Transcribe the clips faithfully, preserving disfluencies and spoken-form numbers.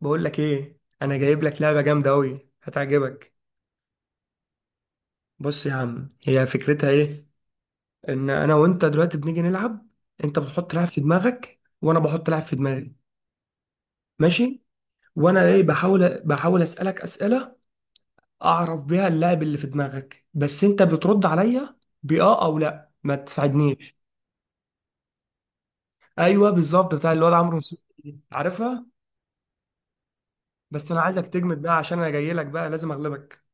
بقول لك ايه، انا جايب لك لعبه جامده قوي هتعجبك. بص يا عم، هي فكرتها ايه؟ ان انا وانت دلوقتي بنيجي نلعب. انت بتحط لعب في دماغك وانا بحط لعب في دماغي. ماشي. وانا ايه، بحاول بحاول اسالك اسئله اعرف بيها اللاعب اللي في دماغك، بس انت بترد عليا باه او لا، ما تساعدنيش. ايوه بالظبط، بتاع الواد عمرو نصوحي دي. عارفها؟ بس انا عايزك تجمد بقى، عشان انا جاي لك بقى لازم اغلبك.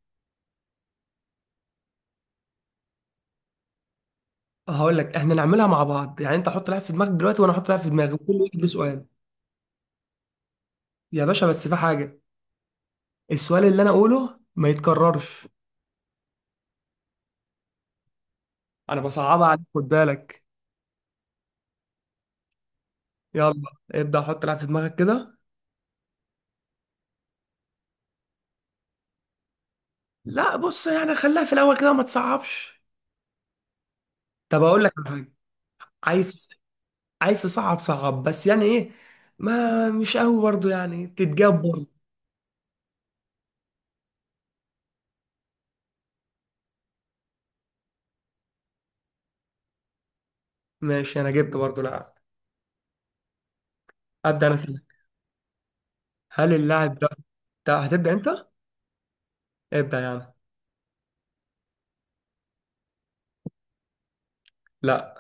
هقول لك، احنا نعملها مع بعض، يعني انت حط لعب في دماغك دلوقتي وانا احط لعب في دماغي، وكل واحد له سؤال. يا باشا، بس في حاجة: السؤال اللي أنا أقوله ما يتكررش. أنا بصعبها عليك، خد بالك. يلا، ابدأ حط لعب في دماغك كده. لا بص، يعني خليها في الأول كده ما تصعبش. طب أقول لك على حاجة؟ عايز عايز تصعب صعب، بس يعني إيه؟ ما مش قوي برضه، يعني تتجاب برضه. ماشي، أنا جبت برضه لاعب. أبدأ أنا كده. هل اللاعب ده، ده هتبدأ أنت؟ ابدأ يعني. لا.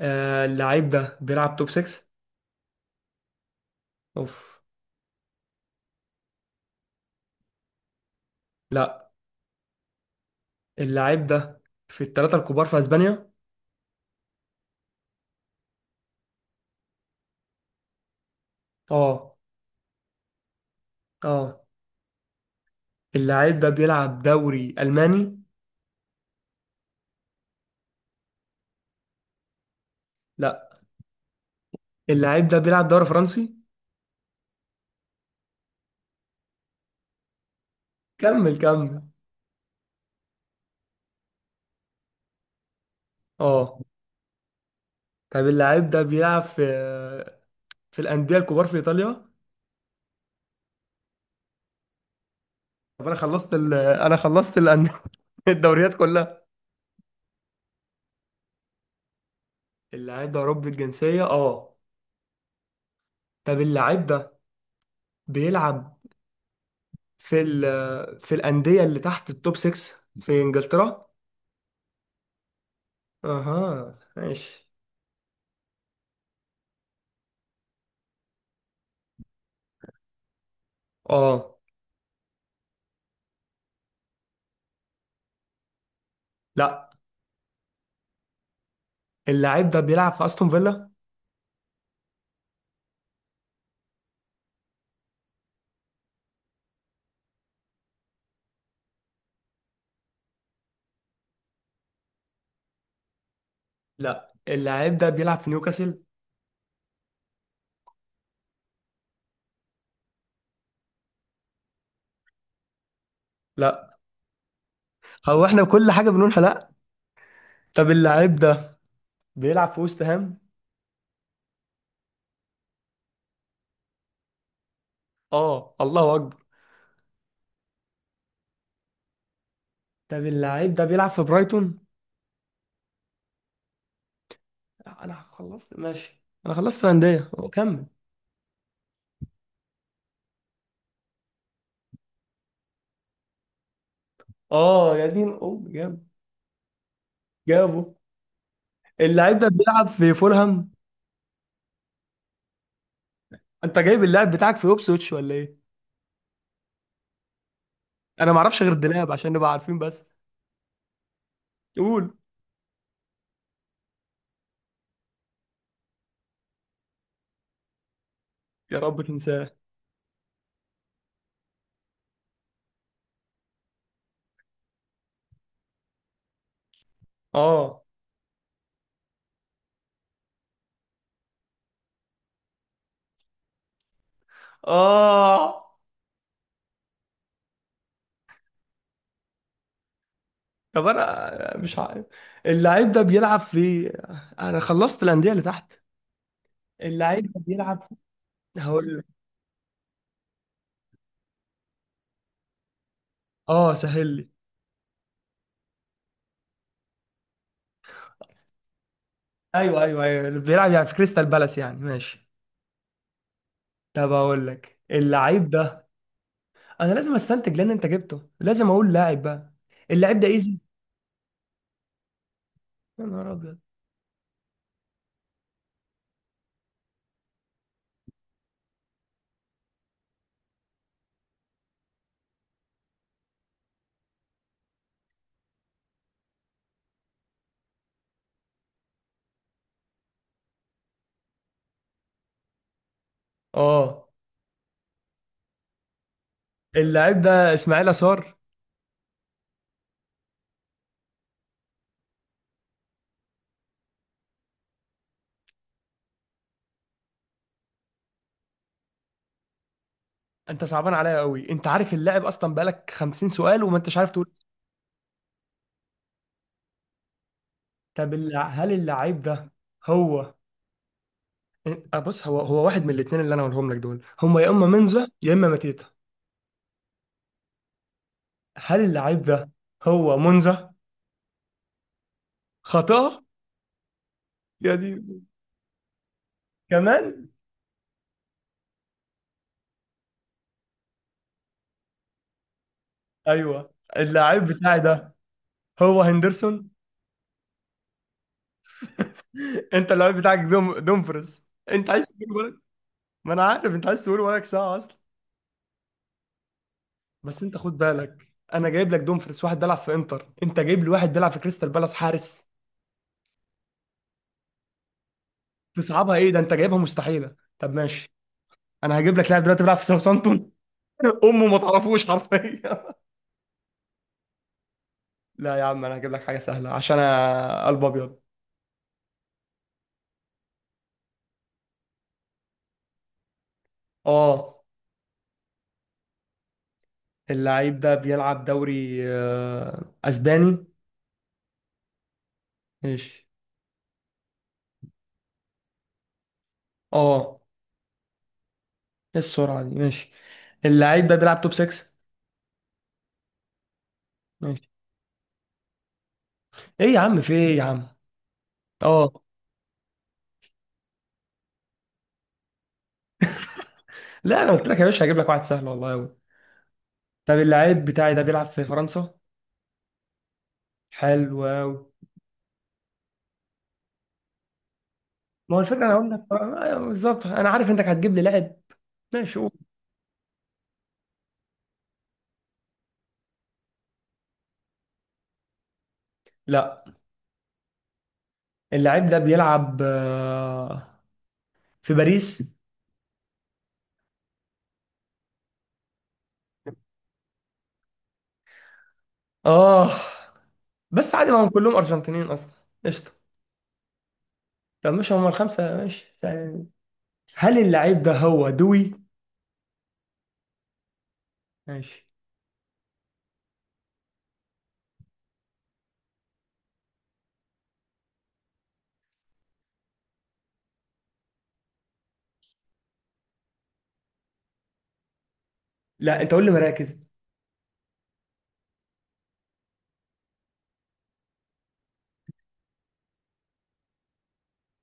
آه، اللاعب ده بيلعب توب ستة؟ أوف. لا، اللاعب ده في الثلاثة الكبار في أسبانيا؟ اه. اه، اللاعب ده بيلعب دوري ألماني؟ لا، اللاعب ده بيلعب دوري فرنسي؟ كمل كمل. اه. طب اللاعب ده بيلعب في في الأندية الكبار في إيطاليا؟ طب انا خلصت ال... انا خلصت الأن- الدوريات كلها. اللاعب ده أوروبي الجنسية، اه. طب اللاعب ده بيلعب في ال... في الأندية اللي تحت التوب ستة في إنجلترا؟ اها، ماشي. اه. لا، اللاعب ده بيلعب في أستون فيلا؟ لا، اللاعب ده بيلعب في نيوكاسل؟ لا. هو احنا كل حاجه بنقول لا؟ طب اللاعب ده بيلعب في وست هام؟ اه، الله اكبر. طب اللاعب ده بيلعب في برايتون؟ لا، انا خلصت، ماشي، انا خلصت الانديه، هو كمل. اه يا دين ام، جاب جابه. اللاعب ده بيلعب في فولهام؟ انت جايب اللاعب بتاعك في اوبسويتش ولا ايه؟ انا ما اعرفش غير الدلاب، عشان نبقى عارفين بس. قول. يا رب تنساه. اه. اه. طب انا مش عارف. اللاعب ده بيلعب في، انا خلصت الانديه اللي تحت. اللاعب ده بيلعب. هقول لك. اه سهل لي. ايوه ايوه ايوه، اللي بيلعب يعني في كريستال بالاس يعني. ماشي، طب اقول لك، اللعيب ده، انا لازم استنتج لان انت جبته، لازم اقول لاعب بقى. اللعيب ده ايزي. يا نهار ابيض. اه. اللعيب ده اسماعيل يسار؟ انت صعبان عليا قوي، انت عارف اللاعب اصلا، بقالك خمسين سؤال وما انتش عارف تقول. طب الع- هل اللعيب ده هو، أه بص، هو هو واحد من الاثنين اللي انا هقولهم لك دول، هما يا اما منزه يا اما ماتيتا. هل اللعيب ده هو منزه؟ خطأ. يا دي. كمان. ايوه، اللاعب بتاعي ده هو هندرسون. انت اللاعب بتاعك دوم دومفرز. انت عايز تقول ولك. ما انا عارف، انت عايز تقول ولك ساعه اصلا. بس انت خد بالك، انا جايب لك دومفرز، واحد بيلعب في انتر، انت جايب لي واحد بيلعب في كريستال بالاس حارس. تصعبها؟ ايه ده، انت جايبها مستحيله، طب ماشي. انا هجيب لك لاعب دلوقتي بيلعب في ساوثامبتون. امه ما تعرفوش حرفيا. لا يا عم، انا هجيب لك حاجه سهله، عشان أنا قلب ابيض. اه. اللعيب ده بيلعب دوري آه، اسباني؟ ماشي. اه. ايه السرعة دي، ماشي. اللعيب ده بيلعب توب ستة؟ ماشي. ايه يا عم، في ايه يا عم؟ اه. لا، انا قلت لك يا باشا هجيب لك واحد سهل والله قوي. طب اللعيب بتاعي ده بيلعب في فرنسا؟ حلو قوي. ما هو الفكرة، انا اقول لك، آه، أيوة بالظبط، انا عارف انك هتجيب لي لاعب. ماشي، قول. لا. اللعيب ده بيلعب آه، في باريس؟ اه. بس عادي، ما هم كلهم ارجنتينيين اصلا. قشطة. طب مش هم الخمسة؟ ماشي سهل. هل اللعيب ده هو دوي؟ ماشي. لا، انت قول لي مراكز.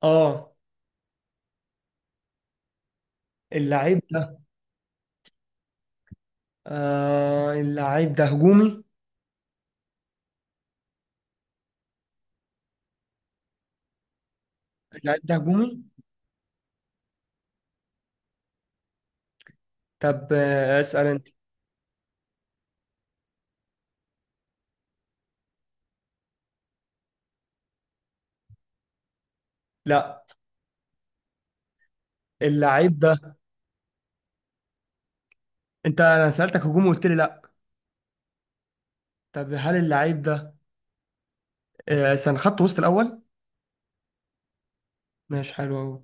اه. اللعيب، آه اللعيب ده هجومي. اللعيب ده هجومي. طب آه، اسأل انت. لا. اللعيب ده، انت انا سألتك هجومي وقلت لي لا. طب هل اللعيب ده آه، كان خط وسط الاول؟ ماشي حلو قوي.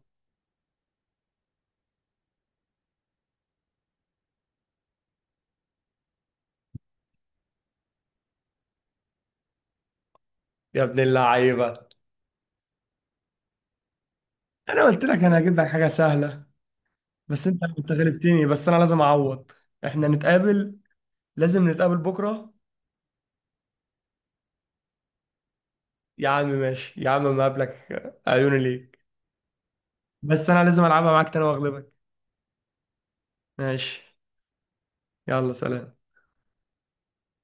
يا ابن اللعيبة، انا قلت لك انا هجيب لك حاجة سهلة، بس انت انت غلبتني، بس انا لازم اعوض. احنا نتقابل، لازم نتقابل بكرة. يا عم ماشي، يا عم ما قابلك، عيوني ليك. بس انا لازم العبها معاك تاني واغلبك. ماشي. يلا سلام.